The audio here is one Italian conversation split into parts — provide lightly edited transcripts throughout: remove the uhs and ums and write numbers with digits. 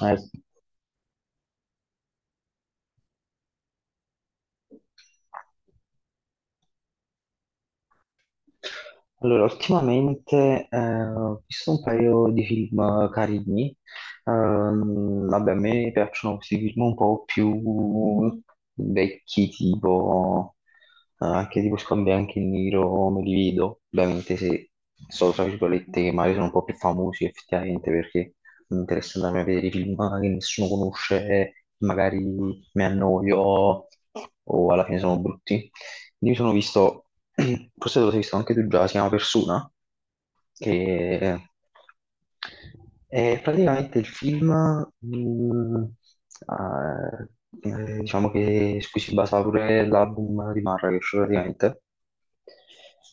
Sì. Allora, ultimamente ho visto un paio di film carini. Vabbè, a me piacciono questi film un po' più vecchi, tipo anche tipo Scambia anche in nero, me li vedo. Ovviamente se sono tra virgolette che magari sono un po' più famosi effettivamente perché mi interessa andare a vedere i film che nessuno conosce, magari mi annoio o alla fine sono brutti. Lì mi sono visto, forse te lo sei visto anche tu già, si chiama Persona, che è praticamente il film, mh, diciamo che su cui si basa pure l'album di Marrakesh praticamente.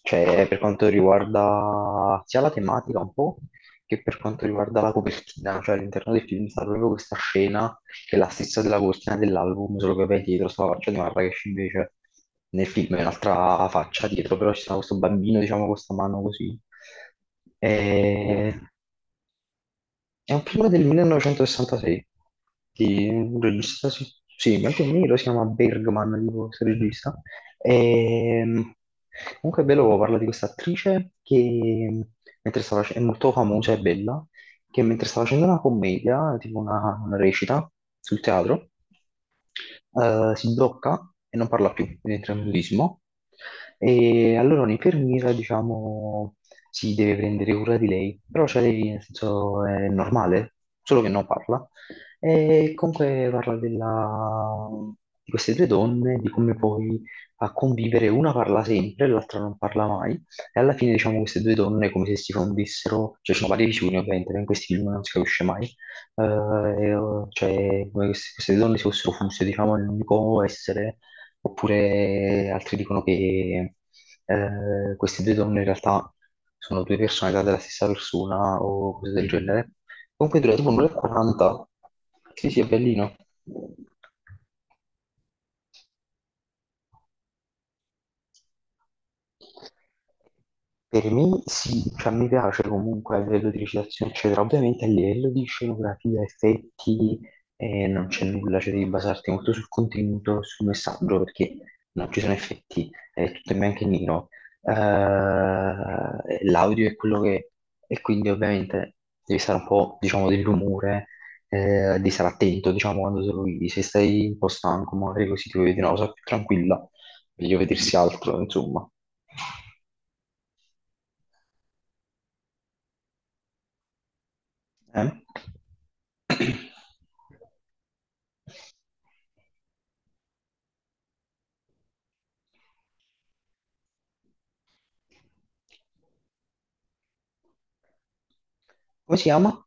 Cioè, per quanto riguarda sia la tematica un po', che per quanto riguarda la copertina, cioè all'interno del film sta proprio questa scena che è la stessa della copertina dell'album, solo che poi dietro sta la faccia di Marrakesh invece nel film è un'altra faccia dietro, però ci sta questo bambino, diciamo, con questa mano così. E- È un film del 1966 di un regista, sì, sì, bianco e nero, si chiama Bergman, tipo questo regista. Ehm, Comunque è bello, parla di questa attrice che è molto famosa e bella, che mentre stava facendo una commedia, tipo una recita sul teatro, si blocca e non parla più, quindi entra in mutismo. E allora un'infermiera, diciamo, si deve prendere cura di lei, però cioè, lei, nel senso, è normale, solo che non parla. E comunque parla di queste due donne, di come poi a convivere una parla sempre e l'altra non parla mai. E alla fine, diciamo, queste due donne è come se si fondissero, cioè ci sono varie visioni ovviamente, ma in questi film non si capisce mai, eh, e, eh, cioè come se queste due donne si fossero fuse, diciamo, in un unico essere, oppure altri dicono che queste due donne in realtà sono due personalità della stessa persona o cose del genere. Comunque dura tipo un'ora e 40. Sì, sì, è bellino. Per me sì, cioè, mi piace comunque a livello di recitazione, eccetera. Ovviamente a livello di scenografia, effetti, non c'è nulla, cioè devi basarti molto sul contenuto, sul messaggio, perché non ci sono effetti, è tutto in bianco e nero. L'audio è quello che è, e quindi ovviamente devi stare un po', diciamo, dell'umore, devi stare attento, diciamo, quando te lo vedi. Se stai un po' stanco, magari così ti vuoi vedere una cosa più tranquilla meglio vedersi altro, insomma. Eh? Come si chiama?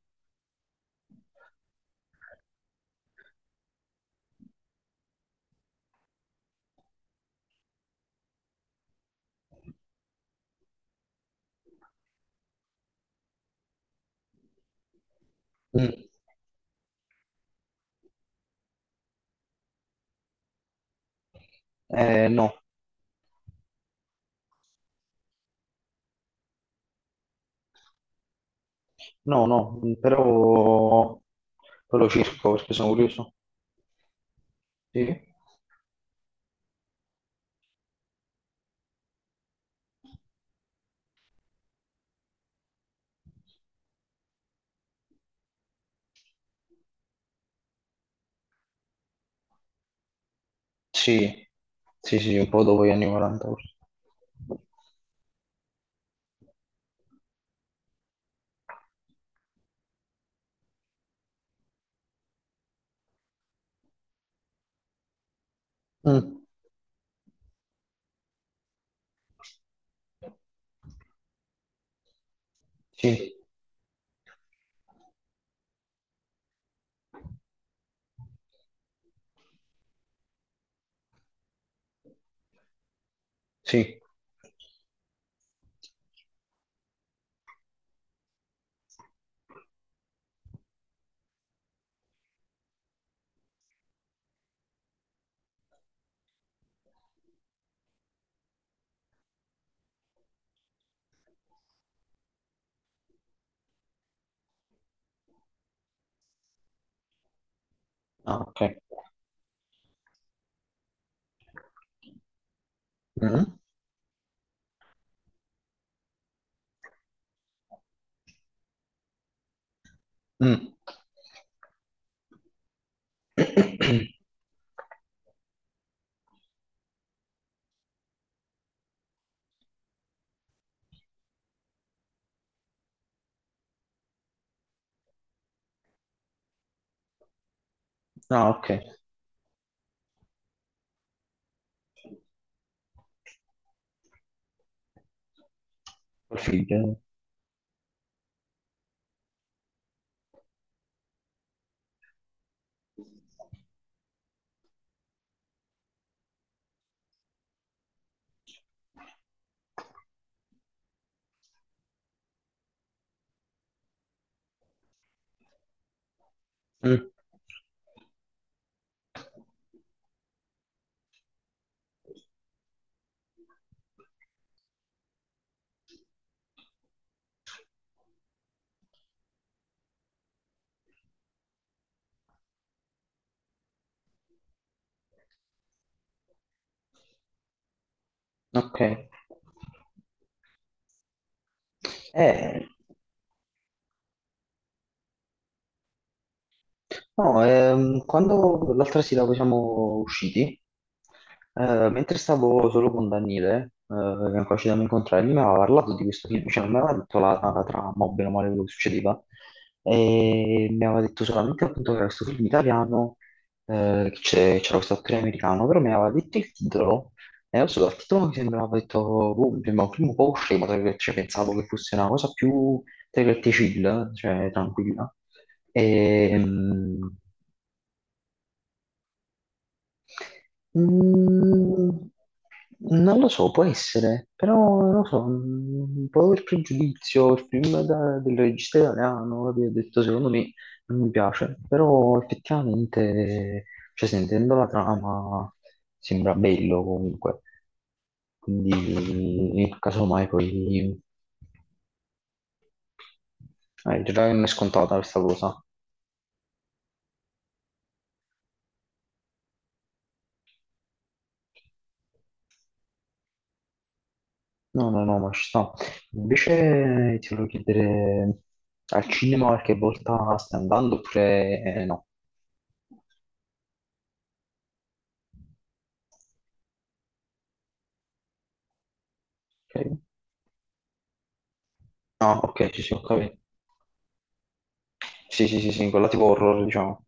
Mm. No, no, no, però poi lo cerco perché sono curioso. Sì, sì, sì, sì, un po' dopo gli anni 40, forse. Mm. Sì, sì, ah, ok. Mm. Mm. Ah, ok. Col figlio. Mm, ok. Eh. No, quando l'altra sera poi siamo usciti, mentre stavo solo con Daniele, che è ancora ci dobbiamo incontrare, lui mi aveva parlato di questo film, cioè non mi aveva detto la trama, o bene o male quello che succedeva, e mi aveva detto solamente appunto che era questo film italiano, che c'era questo attore americano, però mi aveva detto il titolo, e adesso dal titolo mi sembrava detto, boh, mi sembrava un film un po' scemo, tra virgolette, cioè, pensavo che fosse una cosa più, tra virgolette, chill, cioè tranquilla. Ehm, mm, non lo so, può essere, però non lo so, un po' per pregiudizio, il film del regista italiano, capito? Ho detto secondo me non mi piace, però effettivamente, cioè, sentendo la trama, sembra bello comunque, quindi casomai poi. Già che non è scontata questa cosa. No, no, no, ma ci sta. Invece ti volevo chiedere, al cinema qualche volta stai andando oppure no? Ok. Ah, ok, sì, sì, ho capito. Sì, sì, sì, sì, quella tipo horror, diciamo.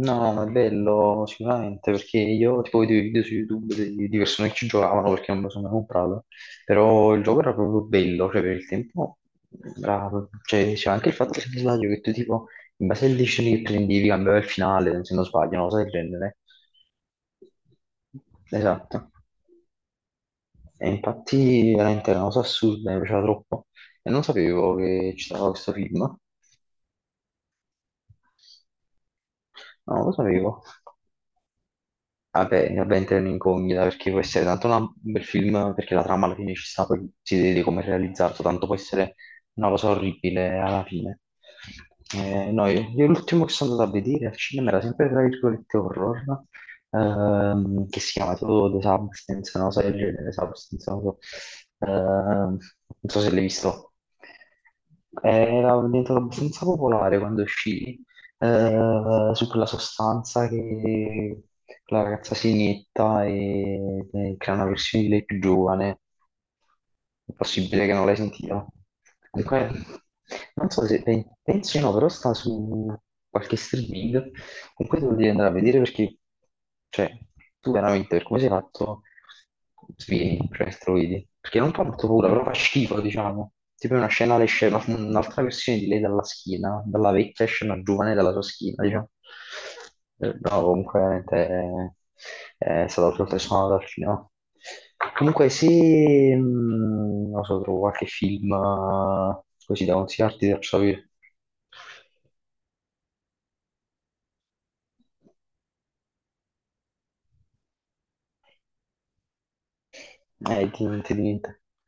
No, ma è bello sicuramente perché io tipo vedevo i video su YouTube di persone che ci giocavano perché non me lo sono mai comprato, però il gioco era proprio bello, cioè per il tempo, era- cioè, c'era anche il fatto se non sbaglio, che tu tipo in base alle decisioni che prendevi cambiava il finale, se non sbaglio, una cosa del genere. Esatto. E infatti veramente era una cosa assurda, mi piaceva troppo e non sapevo che ci stava questo film, no, non lo sapevo. Vabbè, vabbè, entra in incognita perché può essere tanto un bel film, perché la trama alla fine ci sta, poi si vede come è realizzato, tanto può essere una cosa orribile alla fine. No, io l'ultimo che sono andato a vedere al cinema era sempre tra virgolette horror, che si chiama tipo The Substance, una cosa del genere, Substance, non so. Ehm, Non so se l'hai visto. Era diventato abbastanza popolare quando uscì, su quella sostanza che la ragazza si inietta e crea una versione di lei più giovane. È possibile che non l'hai sentita. Comunque, non so se pensi o no, però sta su qualche streaming. Comunque devo dire andare a vedere perché, cioè, tu veramente per come sei fatto, svieni, cioè, struvidi. Perché non fa molto paura, però fa schifo, diciamo. Tipo è una scena, le esce un'altra versione di lei dalla schiena, dalla vecchia esce una giovane dalla sua schiena, diciamo. No, comunque veramente è stato professionale dal film. Comunque se, non so, trovo qualche film così da consigliarti, ti faccio sapere. Ti niente, di niente.